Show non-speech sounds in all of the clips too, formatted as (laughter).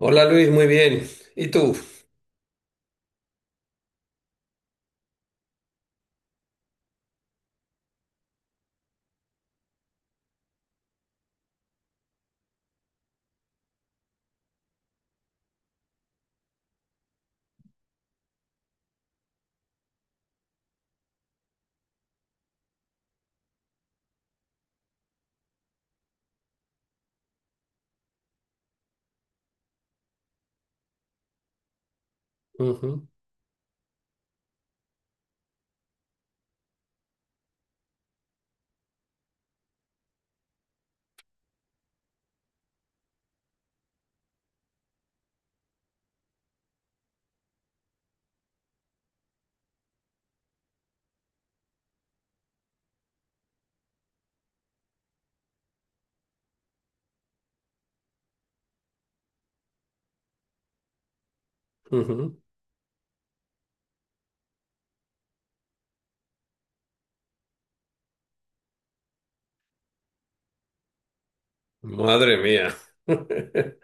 Hola Luis, muy bien. ¿Y tú? Ujú, ujú. Madre mía. (laughs)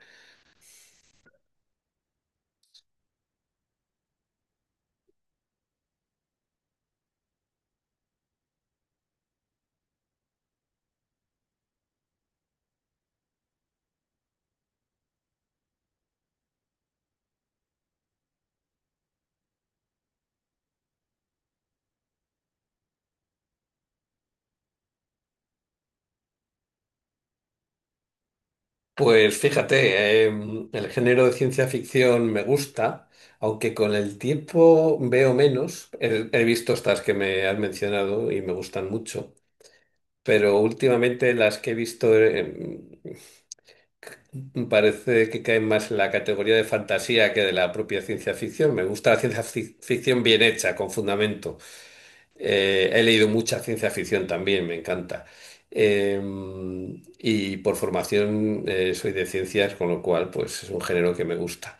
Pues fíjate, el género de ciencia ficción me gusta, aunque con el tiempo veo menos. He visto estas que me has mencionado y me gustan mucho, pero últimamente las que he visto, parece que caen más en la categoría de fantasía que de la propia ciencia ficción. Me gusta la ciencia ficción bien hecha, con fundamento. He leído mucha ciencia ficción también, me encanta. Eh, y por formación soy de ciencias, con lo cual pues es un género que me gusta.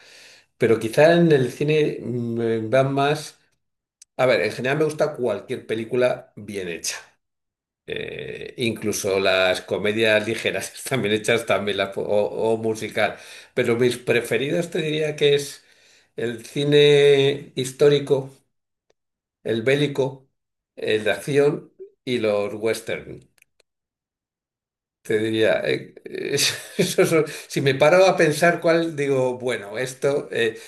Pero quizá en el cine me van más. A ver, en general me gusta cualquier película bien hecha. Incluso las comedias ligeras (laughs) están bien hechas también, o musical. Pero mis preferidos te diría que es el cine histórico, el bélico, el de acción y los western. Te diría, (laughs) si me paro a pensar cuál, digo, bueno, esto, eh,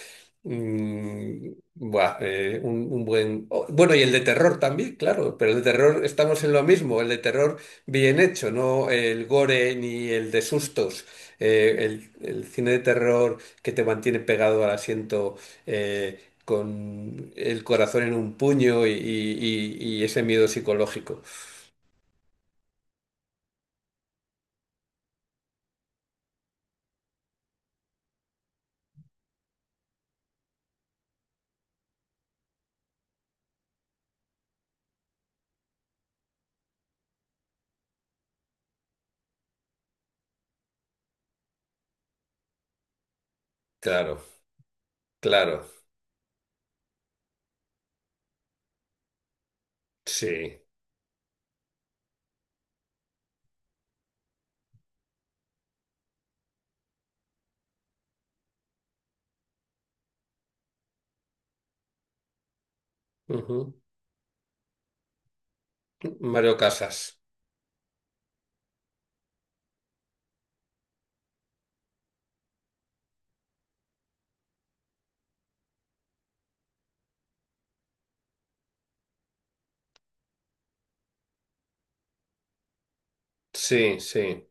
Mm, buah, un buen. Oh, bueno, y el de terror también, claro, pero el de terror estamos en lo mismo, el de terror bien hecho, no el gore ni el de sustos. El cine de terror que te mantiene pegado al asiento, eh, con el corazón en un puño y ese miedo psicológico. Claro, claro, sí. Ujú. Mario Casas. Sí, sí.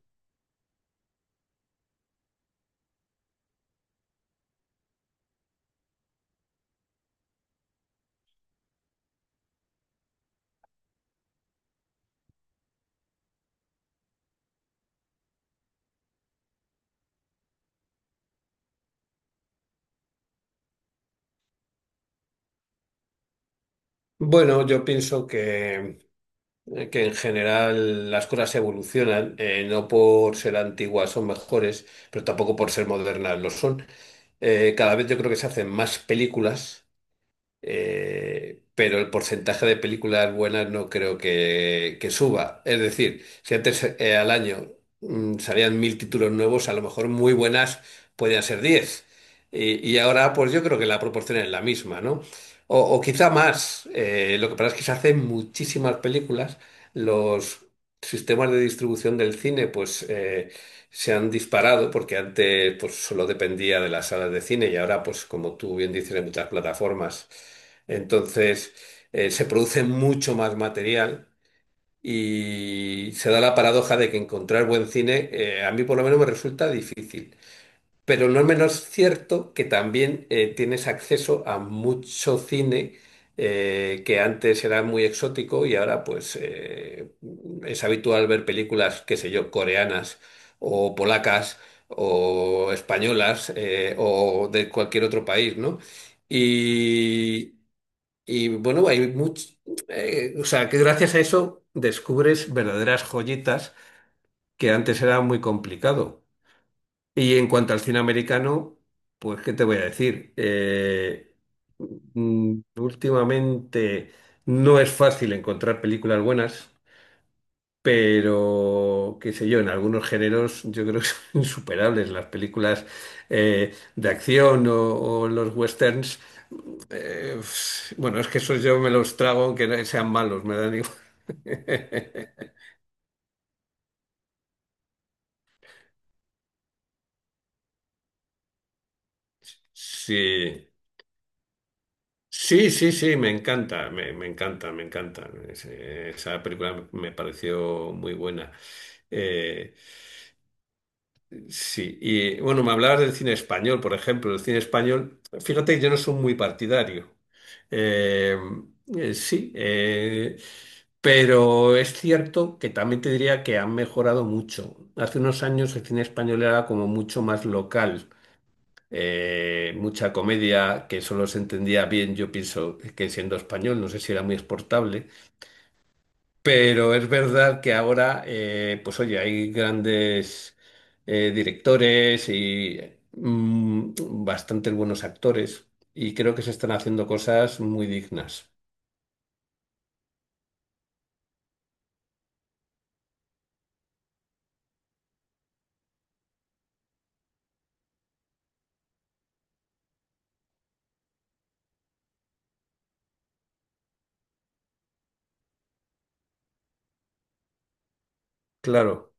Bueno, yo pienso que en general las cosas evolucionan, no por ser antiguas son mejores, pero tampoco por ser modernas lo son. Cada vez yo creo que se hacen más películas, pero el porcentaje de películas buenas no creo que suba. Es decir, si antes, al año, salían mil títulos nuevos, a lo mejor muy buenas podían ser 10. Y ahora, pues yo creo que la proporción es la misma, ¿no? O quizá más. Lo que pasa es que se hacen muchísimas películas. Los sistemas de distribución del cine, pues, se han disparado porque antes pues solo dependía de las salas de cine y ahora pues como tú bien dices hay muchas plataformas. Entonces, se produce mucho más material y se da la paradoja de que encontrar buen cine, a mí por lo menos me resulta difícil. Pero no es menos cierto que también, tienes acceso a mucho cine, que antes era muy exótico y ahora pues, es habitual ver películas, qué sé yo, coreanas o polacas o españolas, o de cualquier otro país, ¿no? Y, bueno, hay mucho, o sea, que gracias a eso descubres verdaderas joyitas que antes era muy complicado. Y en cuanto al cine americano, pues, ¿qué te voy a decir? Últimamente no es fácil encontrar películas buenas, pero, qué sé yo, en algunos géneros yo creo que son (laughs) insuperables. Las películas, de acción o los westerns, eh, bueno, es que esos yo me los trago aunque no sean malos, me dan igual. (laughs) Sí. Sí, sí, sí, me encanta, me encanta, me encanta. Esa película me pareció muy buena. Eh, sí, y bueno, me hablabas del cine español, por ejemplo. El cine español, fíjate que yo no soy muy partidario. Eh, sí, pero es cierto que también te diría que han mejorado mucho. Hace unos años el cine español era como mucho más local. Mucha comedia que solo se entendía bien, yo pienso que siendo español, no sé si era muy exportable, pero es verdad que ahora, pues oye, hay grandes directores y bastantes buenos actores, y creo que se están haciendo cosas muy dignas. Claro.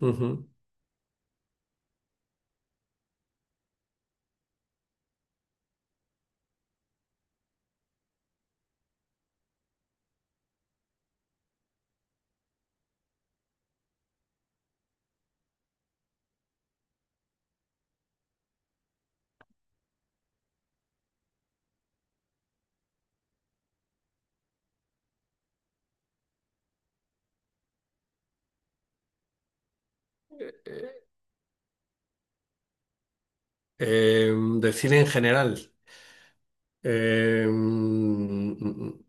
Ujú, ujú. Eh, de cine en general. Eh, mm, mm,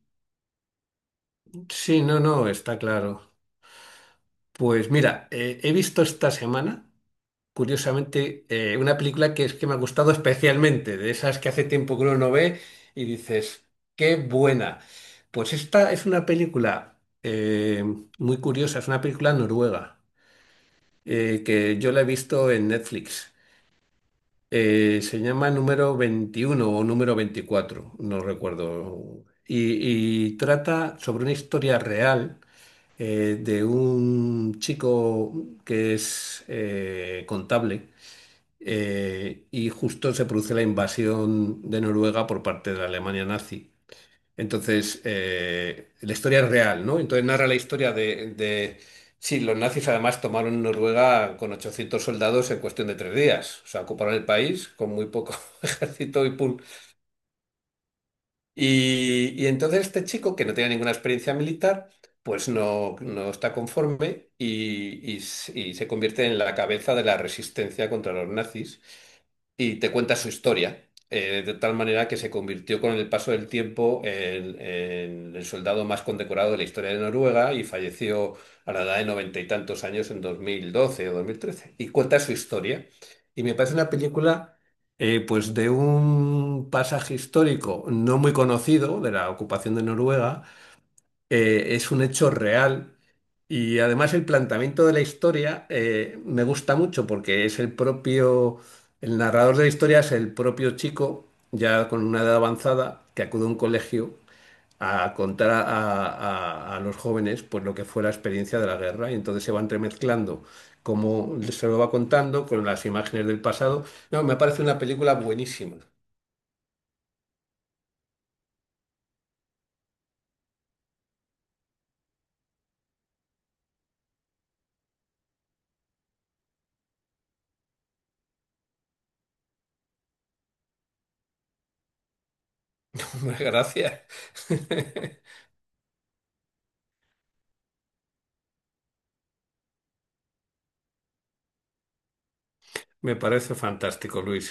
mm. Sí, no, no, está claro. Pues mira, he visto esta semana, curiosamente, una película que es que me ha gustado especialmente, de esas que hace tiempo que uno no ve y dices, qué buena. Pues esta es una película, muy curiosa, es una película noruega, que yo la he visto en Netflix. Se llama Número 21 o Número 24, no recuerdo. Y trata sobre una historia real, de un chico que es, contable, y justo se produce la invasión de Noruega por parte de la Alemania nazi. Entonces, la historia es real, ¿no? Entonces narra la historia de. Sí, los nazis además tomaron Noruega con 800 soldados en cuestión de 3 días. O sea, ocuparon el país con muy poco (laughs) ejército y, pum, y entonces este chico, que no tenía ninguna experiencia militar, pues no, no está conforme y se convierte en la cabeza de la resistencia contra los nazis, y te cuenta su historia, de tal manera que se convirtió con el paso del tiempo en el soldado más condecorado de la historia de Noruega y falleció a la edad de noventa y tantos años en 2012 o 2013. Y cuenta su historia. Y me parece una película, pues de un pasaje histórico no muy conocido de la ocupación de Noruega. Es un hecho real, y además el planteamiento de la historia, me gusta mucho porque es el narrador de la historia es el propio chico, ya con una edad avanzada, que acude a un colegio a contar a los jóvenes pues lo que fue la experiencia de la guerra, y entonces se va entremezclando como se lo va contando con las imágenes del pasado. No, me parece una película buenísima. (laughs) Gracias. (laughs) Me parece fantástico, Luis.